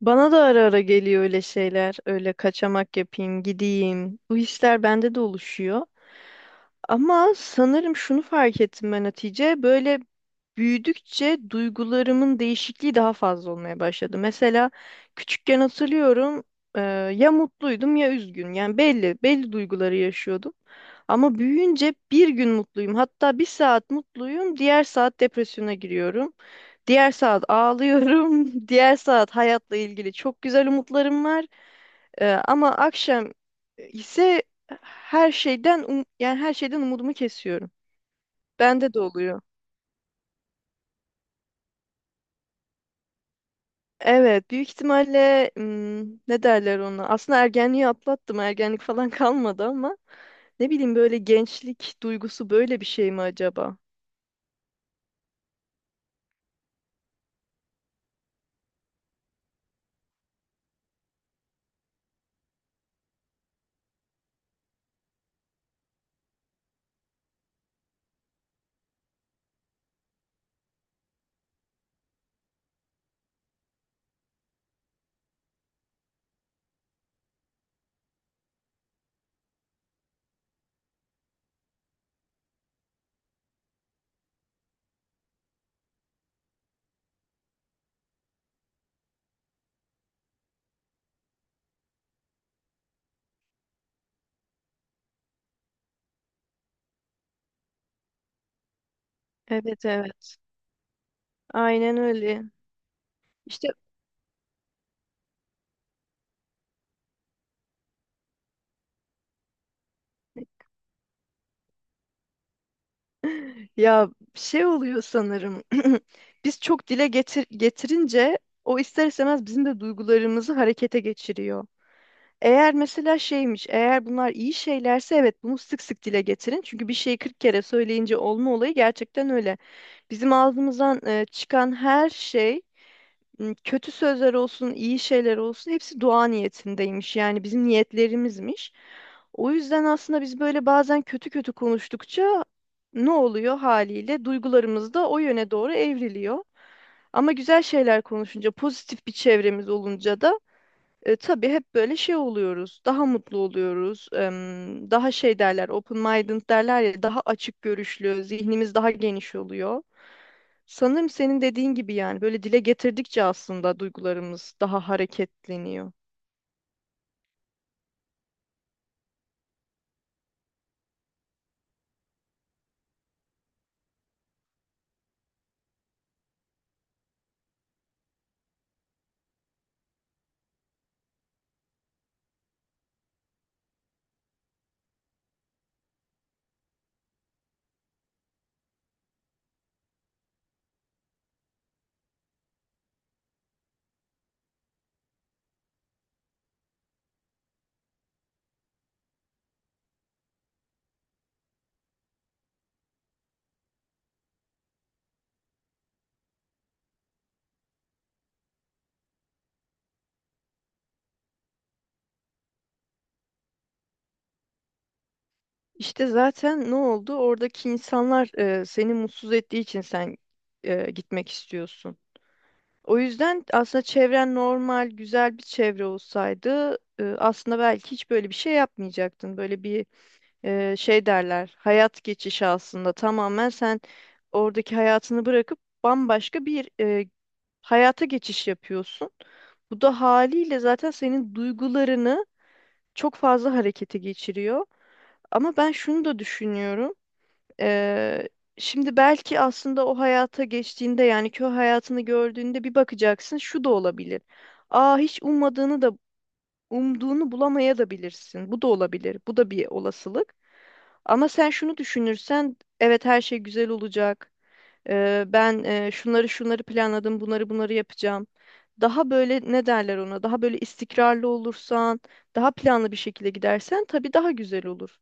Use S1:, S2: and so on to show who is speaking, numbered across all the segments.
S1: Bana da ara ara geliyor öyle şeyler. Öyle kaçamak yapayım, gideyim. Bu hisler bende de oluşuyor. Ama sanırım şunu fark ettim ben Hatice. Böyle büyüdükçe duygularımın değişikliği daha fazla olmaya başladı. Mesela küçükken hatırlıyorum e, ya mutluydum ya üzgün. Yani belli duyguları yaşıyordum. Ama büyüyünce bir gün mutluyum. Hatta bir saat mutluyum, diğer saat depresyona giriyorum. Diğer saat ağlıyorum, diğer saat hayatla ilgili çok güzel umutlarım var. Ama akşam ise her şeyden yani her şeyden umudumu kesiyorum. Bende de oluyor. Evet, büyük ihtimalle ne derler ona? Aslında ergenliği atlattım. Ergenlik falan kalmadı ama ne bileyim böyle gençlik duygusu böyle bir şey mi acaba? Evet, evet. Aynen öyle. İşte ya şey oluyor sanırım. Biz çok dile getirince o ister istemez bizim de duygularımızı harekete geçiriyor. Eğer mesela şeymiş, eğer bunlar iyi şeylerse evet bunu sık sık dile getirin. Çünkü bir şeyi 40 kere söyleyince olma olayı gerçekten öyle. Bizim ağzımızdan çıkan her şey, kötü sözler olsun, iyi şeyler olsun hepsi dua niyetindeymiş. Yani bizim niyetlerimizmiş. O yüzden aslında biz böyle bazen kötü kötü konuştukça ne oluyor haliyle? Duygularımız da o yöne doğru evriliyor. Ama güzel şeyler konuşunca, pozitif bir çevremiz olunca da tabii hep böyle şey oluyoruz, daha mutlu oluyoruz, daha şey derler, open minded derler ya, daha açık görüşlü, zihnimiz daha geniş oluyor. Sanırım senin dediğin gibi yani böyle dile getirdikçe aslında duygularımız daha hareketleniyor. İşte zaten ne oldu? Oradaki insanlar seni mutsuz ettiği için sen gitmek istiyorsun. O yüzden aslında çevren normal, güzel bir çevre olsaydı aslında belki hiç böyle bir şey yapmayacaktın. Böyle bir şey derler, hayat geçişi aslında tamamen sen oradaki hayatını bırakıp bambaşka bir hayata geçiş yapıyorsun. Bu da haliyle zaten senin duygularını çok fazla harekete geçiriyor. Ama ben şunu da düşünüyorum. Eee, şimdi belki aslında o hayata geçtiğinde yani köy hayatını gördüğünde bir bakacaksın, şu da olabilir. Aa, hiç ummadığını da Umduğunu bulamaya da bilirsin. Bu da olabilir. Bu da bir olasılık. Ama sen şunu düşünürsen, evet her şey güzel olacak. Ben şunları şunları planladım, bunları bunları yapacağım. Daha böyle ne derler ona? Daha böyle istikrarlı olursan, daha planlı bir şekilde gidersen tabii daha güzel olur.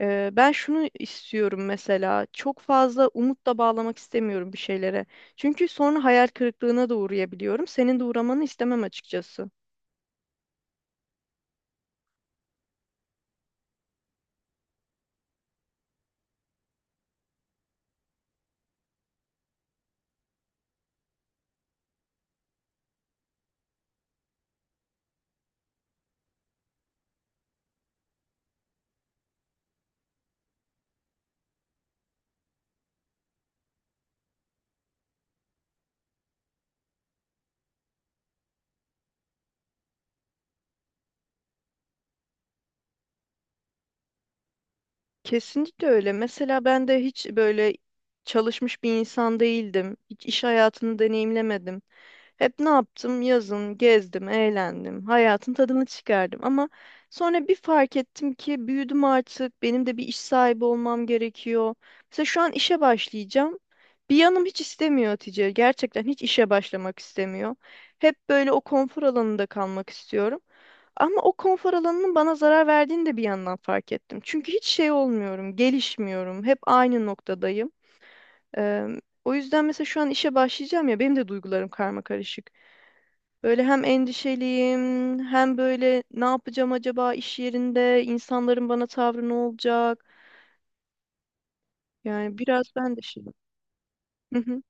S1: Ben şunu istiyorum mesela. Çok fazla umutla bağlamak istemiyorum bir şeylere. Çünkü sonra hayal kırıklığına da uğrayabiliyorum. Senin de uğramanı istemem açıkçası. Kesinlikle öyle. Mesela ben de hiç böyle çalışmış bir insan değildim. Hiç iş hayatını deneyimlemedim. Hep ne yaptım? Yazın gezdim, eğlendim, hayatın tadını çıkardım. Ama sonra bir fark ettim ki büyüdüm artık, benim de bir iş sahibi olmam gerekiyor. Mesela şu an işe başlayacağım. Bir yanım hiç istemiyor Hatice. Gerçekten hiç işe başlamak istemiyor. Hep böyle o konfor alanında kalmak istiyorum. Ama o konfor alanının bana zarar verdiğini de bir yandan fark ettim. Çünkü hiç şey olmuyorum, gelişmiyorum. Hep aynı noktadayım. Eee, o yüzden mesela şu an işe başlayacağım ya, benim de duygularım karma karışık. Böyle hem endişeliyim, hem böyle ne yapacağım acaba iş yerinde, insanların bana tavrı ne olacak? Yani biraz ben de şey. Hı hı.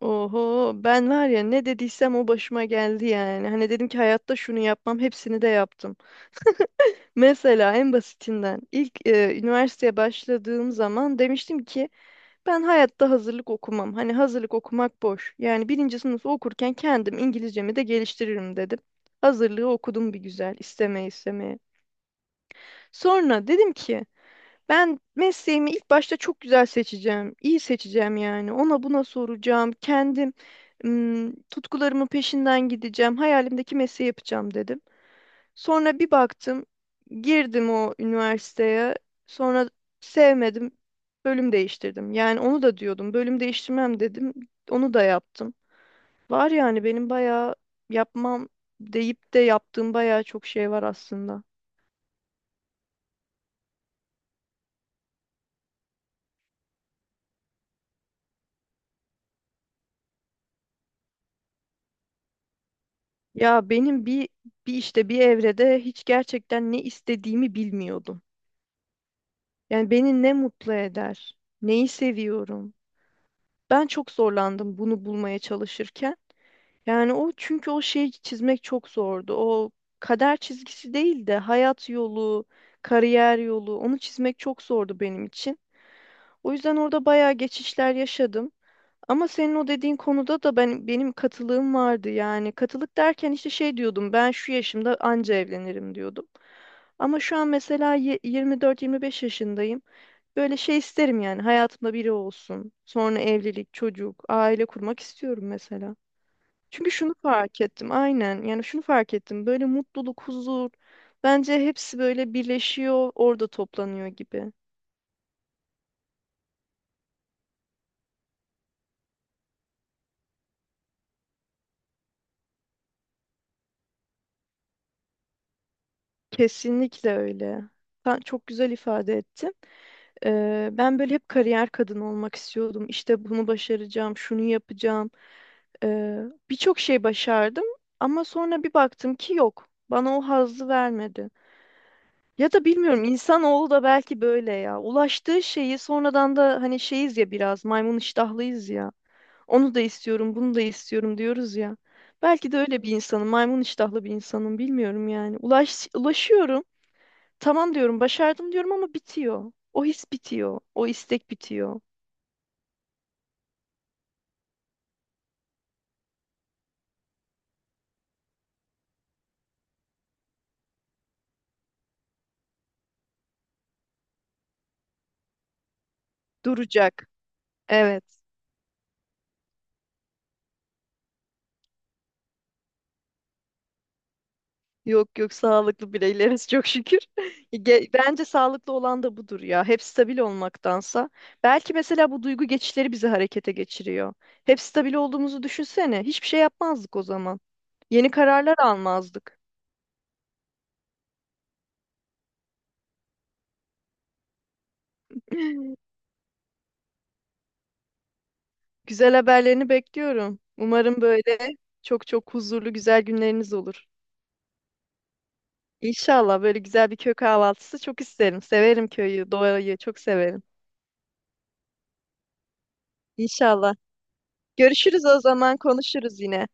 S1: Oho, ben var ya ne dediysem o başıma geldi yani. Hani dedim ki hayatta şunu yapmam, hepsini de yaptım. Mesela en basitinden ilk üniversiteye başladığım zaman demiştim ki ben hayatta hazırlık okumam. Hani hazırlık okumak boş. Yani birinci sınıfı okurken kendim İngilizcemi de geliştiririm dedim. Hazırlığı okudum bir güzel, istemeye istemeye. Sonra dedim ki ben mesleğimi ilk başta çok güzel seçeceğim, iyi seçeceğim yani. Ona buna soracağım. Kendim tutkularımın peşinden gideceğim. Hayalimdeki mesleği yapacağım dedim. Sonra bir baktım. Girdim o üniversiteye. Sonra sevmedim. Bölüm değiştirdim. Yani onu da diyordum. Bölüm değiştirmem dedim. Onu da yaptım. Var yani benim bayağı yapmam deyip de yaptığım bayağı çok şey var aslında. Ya benim bir bir evrede hiç gerçekten ne istediğimi bilmiyordum. Yani beni ne mutlu eder, neyi seviyorum. Ben çok zorlandım bunu bulmaya çalışırken. Yani çünkü o şeyi çizmek çok zordu. O kader çizgisi değil de hayat yolu, kariyer yolu, onu çizmek çok zordu benim için. O yüzden orada bayağı geçişler yaşadım. Ama senin o dediğin konuda da benim katılığım vardı yani. Katılık derken işte şey diyordum, ben şu yaşımda anca evlenirim diyordum. Ama şu an mesela 24-25 yaşındayım. Böyle şey isterim yani, hayatımda biri olsun. Sonra evlilik, çocuk, aile kurmak istiyorum mesela. Çünkü şunu fark ettim aynen, yani şunu fark ettim, böyle mutluluk, huzur, bence hepsi böyle birleşiyor, orada toplanıyor gibi. Kesinlikle öyle. Sen çok güzel ifade ettin. Ben böyle hep kariyer kadını olmak istiyordum. İşte bunu başaracağım, şunu yapacağım. Eee, birçok şey başardım ama sonra bir baktım ki yok. Bana o hazzı vermedi. Ya da bilmiyorum, insanoğlu da belki böyle ya. Ulaştığı şeyi sonradan da hani şeyiz ya, biraz maymun iştahlıyız ya. Onu da istiyorum, bunu da istiyorum diyoruz ya. Belki de öyle bir insanım, maymun iştahlı bir insanım, bilmiyorum yani. Ulaşıyorum, tamam diyorum, başardım diyorum ama bitiyor. O his bitiyor, o istek bitiyor. Duracak. Evet. Yok yok, sağlıklı bireyleriz çok şükür. Bence sağlıklı olan da budur ya. Hep stabil olmaktansa. Belki mesela bu duygu geçişleri bizi harekete geçiriyor. Hep stabil olduğumuzu düşünsene. Hiçbir şey yapmazdık o zaman. Yeni kararlar almazdık. Güzel haberlerini bekliyorum. Umarım böyle çok çok huzurlu güzel günleriniz olur. İnşallah böyle güzel bir köy kahvaltısı çok isterim. Severim köyü, doğayı çok severim. İnşallah. Görüşürüz o zaman, konuşuruz yine.